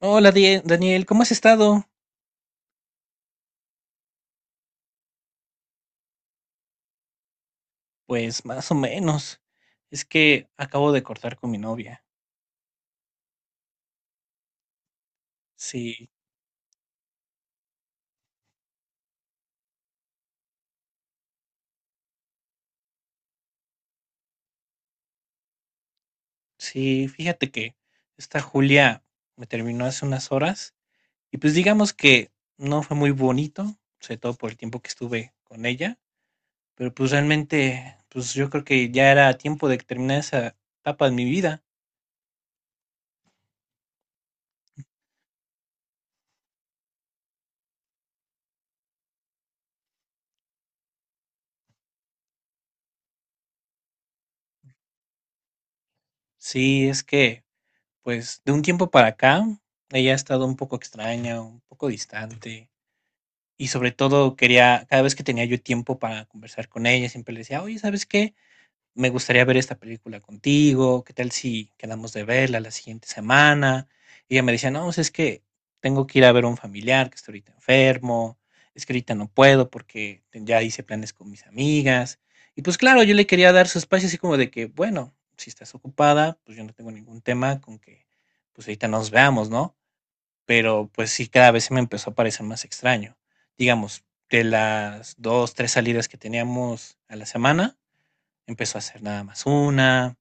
Hola Daniel, ¿cómo has estado? Pues más o menos. Es que acabo de cortar con mi novia. Sí, sí, fíjate que esta Julia me terminó hace unas horas y pues digamos que no fue muy bonito, sobre todo por el tiempo que estuve con ella, pero pues realmente, pues yo creo que ya era tiempo de terminar esa etapa de mi vida. Sí, es que pues de un tiempo para acá ella ha estado un poco extraña, un poco distante y sobre todo quería, cada vez que tenía yo tiempo para conversar con ella, siempre le decía, oye, ¿sabes qué? Me gustaría ver esta película contigo, ¿qué tal si quedamos de verla la siguiente semana? Y ella me decía, no, pues es que tengo que ir a ver a un familiar que está ahorita enfermo, es que ahorita no puedo porque ya hice planes con mis amigas. Y pues claro, yo le quería dar su espacio así como de que, bueno, si estás ocupada, pues yo no tengo ningún tema con que pues ahorita nos veamos, ¿no? Pero pues sí, cada vez se me empezó a parecer más extraño. Digamos, de las dos, tres salidas que teníamos a la semana, empezó a hacer nada más una,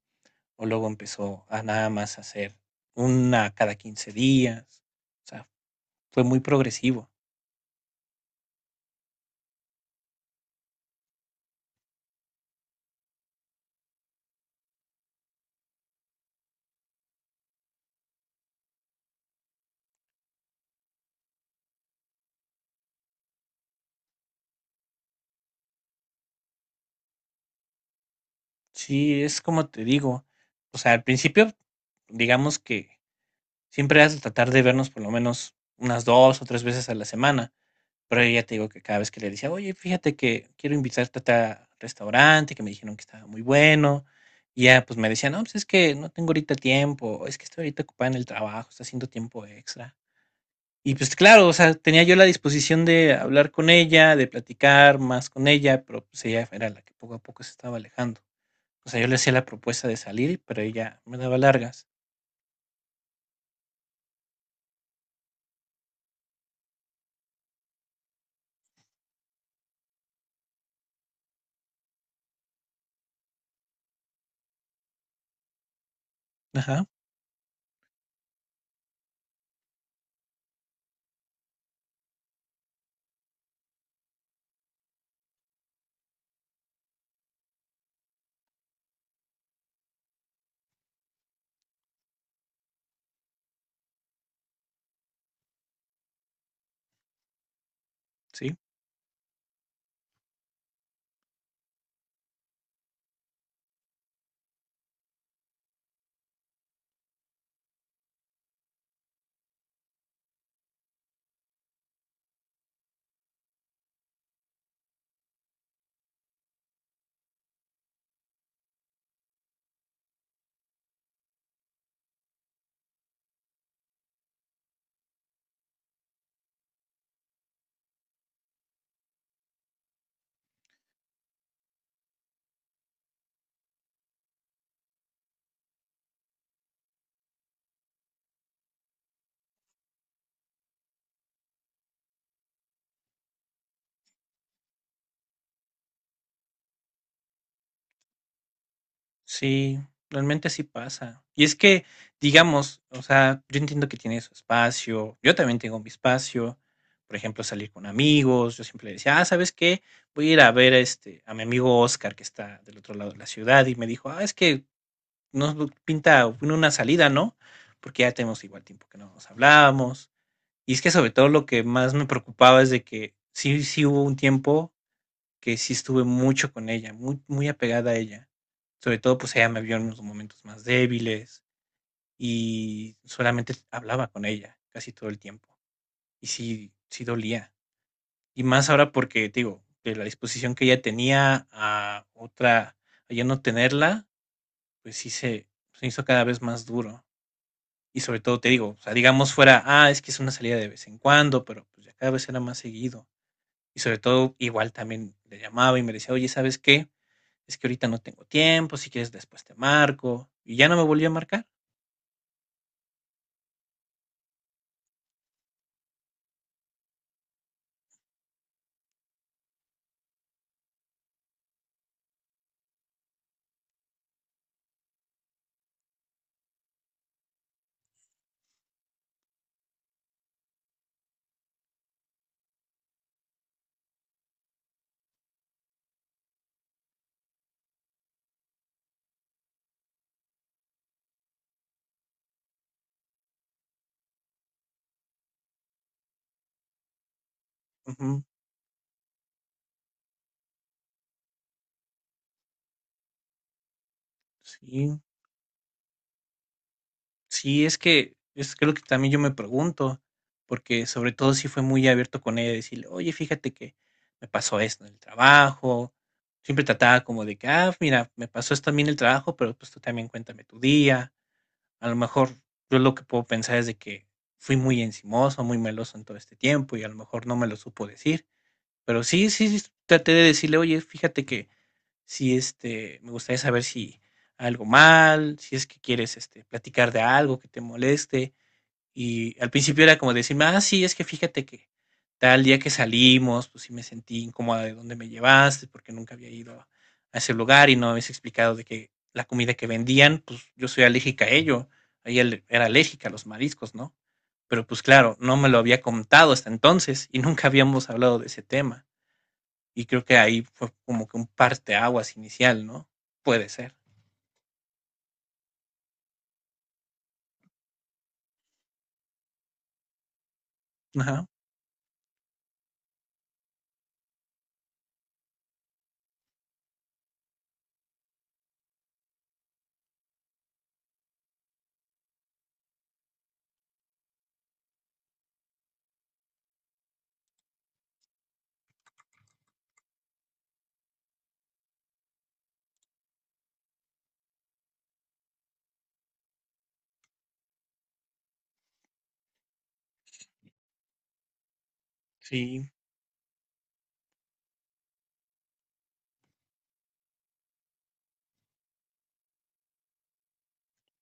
o luego empezó a nada más hacer una cada 15 días. O sea, fue muy progresivo. Sí, es como te digo. O sea, al principio, digamos que siempre has de tratar de vernos por lo menos unas dos o tres veces a la semana. Pero ella te digo que cada vez que le decía: "Oye, fíjate que quiero invitarte a tal restaurante, que me dijeron que estaba muy bueno", y ya, pues, me decía: "No, pues, es que no tengo ahorita tiempo, o es que estoy ahorita ocupada en el trabajo, está haciendo tiempo extra". Y, pues, claro, o sea, tenía yo la disposición de hablar con ella, de platicar más con ella, pero, pues, ella era la que poco a poco se estaba alejando. O sea, yo le hacía la propuesta de salir, pero ella me daba largas. Ajá, sí. Sí, realmente sí pasa. Y es que, digamos, o sea, yo entiendo que tiene su espacio, yo también tengo mi espacio, por ejemplo, salir con amigos, yo siempre le decía, ah, ¿sabes qué? Voy a ir a ver a, este, a mi amigo Oscar que está del otro lado de la ciudad y me dijo, ah, es que nos pinta una salida, ¿no? Porque ya tenemos igual tiempo que no nos hablábamos. Y es que sobre todo lo que más me preocupaba es de que sí, sí hubo un tiempo que sí estuve mucho con ella, muy, muy apegada a ella sobre todo, pues ella me vio en los momentos más débiles y solamente hablaba con ella casi todo el tiempo. Y sí, sí dolía. Y más ahora porque, te digo, de la disposición que ella tenía a otra, a ya no tenerla, pues sí se hizo cada vez más duro. Y sobre todo, te digo, o sea, digamos fuera, ah, es que es una salida de vez en cuando, pero pues ya cada vez era más seguido. Y sobre todo, igual también le llamaba y me decía, oye, ¿sabes qué? Es que ahorita no tengo tiempo, si quieres después te marco. Y ya no me volvió a marcar. Ujú, sí, sí, es que lo que también yo me pregunto, porque sobre todo si fue muy abierto con ella, decirle, oye, fíjate que me pasó esto en el trabajo, siempre trataba como de que, ah, mira, me pasó esto también en el trabajo, pero pues tú también cuéntame tu día, a lo mejor yo lo que puedo pensar es de que fui muy encimoso, muy meloso en todo este tiempo y a lo mejor no me lo supo decir, pero sí, sí, sí, traté de decirle, oye, fíjate que si este, me gustaría saber si algo mal, si es que quieres, este, platicar de algo que te moleste. Y al principio era como decirme, ah, sí, es que fíjate que tal día que salimos, pues sí me sentí incómoda de dónde me llevaste, porque nunca había ido a ese lugar y no habías explicado de que la comida que vendían, pues yo soy alérgica a ello. Ella era alérgica a los mariscos, ¿no? Pero pues claro, no me lo había contado hasta entonces y nunca habíamos hablado de ese tema. Y creo que ahí fue como que un parteaguas inicial, ¿no? Puede ser. Ajá. Sí,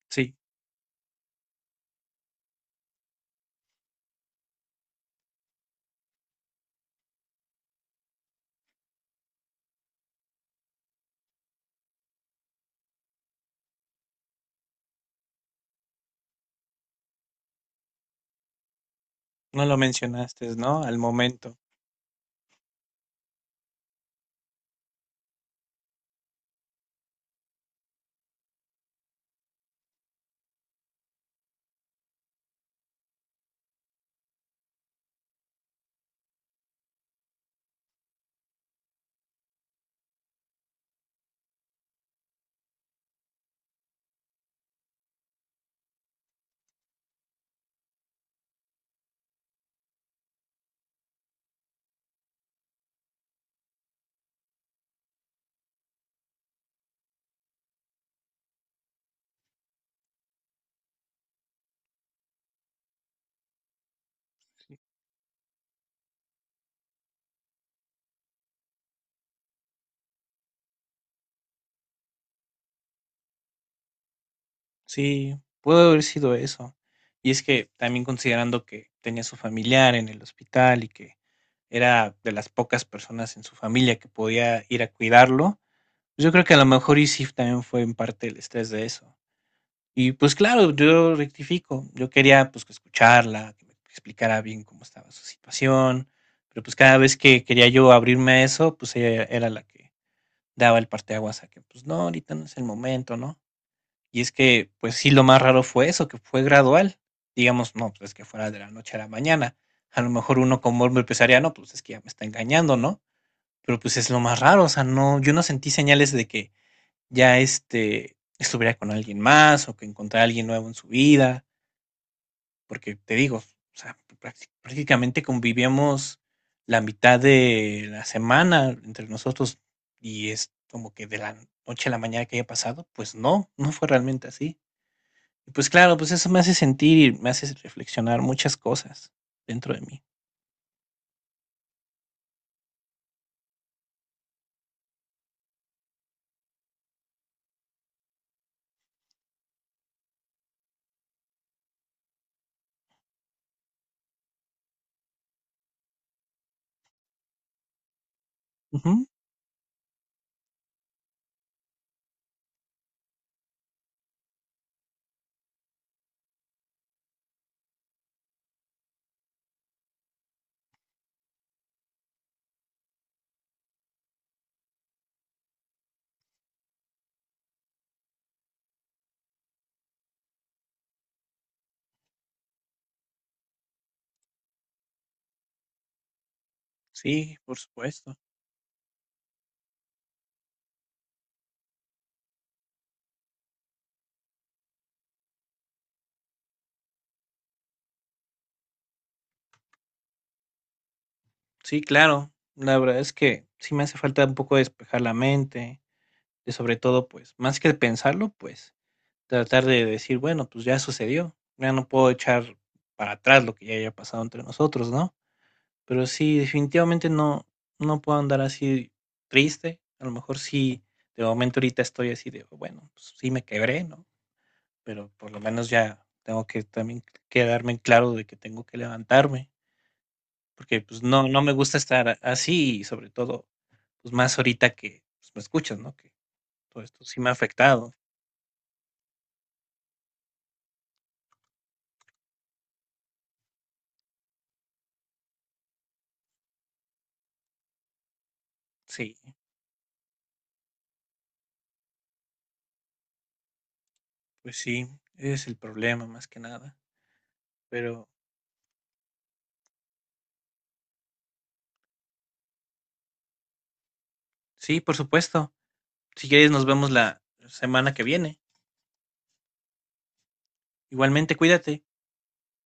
sí. No lo mencionaste, ¿no? Al momento. Sí, pudo haber sido eso. Y es que también considerando que tenía su familiar en el hospital y que era de las pocas personas en su familia que podía ir a cuidarlo, pues yo creo que a lo mejor y sí también fue en parte el estrés de eso. Y pues claro, yo rectifico. Yo quería pues que escucharla, que me explicara bien cómo estaba su situación, pero pues cada vez que quería yo abrirme a eso, pues ella era la que daba el parteaguas a que pues no, ahorita no es el momento, ¿no? Y es que pues sí, lo más raro fue eso, que fue gradual. Digamos, no, pues es que fuera de la noche a la mañana. A lo mejor uno como hombre empezaría, no, pues es que ya me está engañando, ¿no? Pero pues es lo más raro, o sea, no, yo no sentí señales de que ya este, estuviera con alguien más o que encontrara a alguien nuevo en su vida, porque te digo, o sea, prácticamente convivíamos la mitad de la semana entre nosotros y es como que de la noche a la mañana que haya pasado, pues no, no fue realmente así. Y pues claro, pues eso me hace sentir y me hace reflexionar muchas cosas dentro de mí. Ujú. Sí, por supuesto. Sí, claro. La verdad es que sí me hace falta un poco despejar la mente. Y sobre todo, pues, más que pensarlo, pues, tratar de decir, bueno, pues ya sucedió, ya no puedo echar para atrás lo que ya haya pasado entre nosotros, ¿no? Pero sí, definitivamente no, no puedo andar así triste. A lo mejor sí, de momento ahorita estoy así de, bueno, pues sí me quebré, ¿no? Pero por lo menos ya tengo que también quedarme en claro de que tengo que levantarme, porque pues no, no me gusta estar así y sobre todo, pues más ahorita que pues, me escuchas, ¿no? Que todo esto sí me ha afectado. Sí. Pues sí, ese es el problema más que nada. Pero sí, por supuesto. Si quieres, nos vemos la semana que viene. Igualmente, cuídate.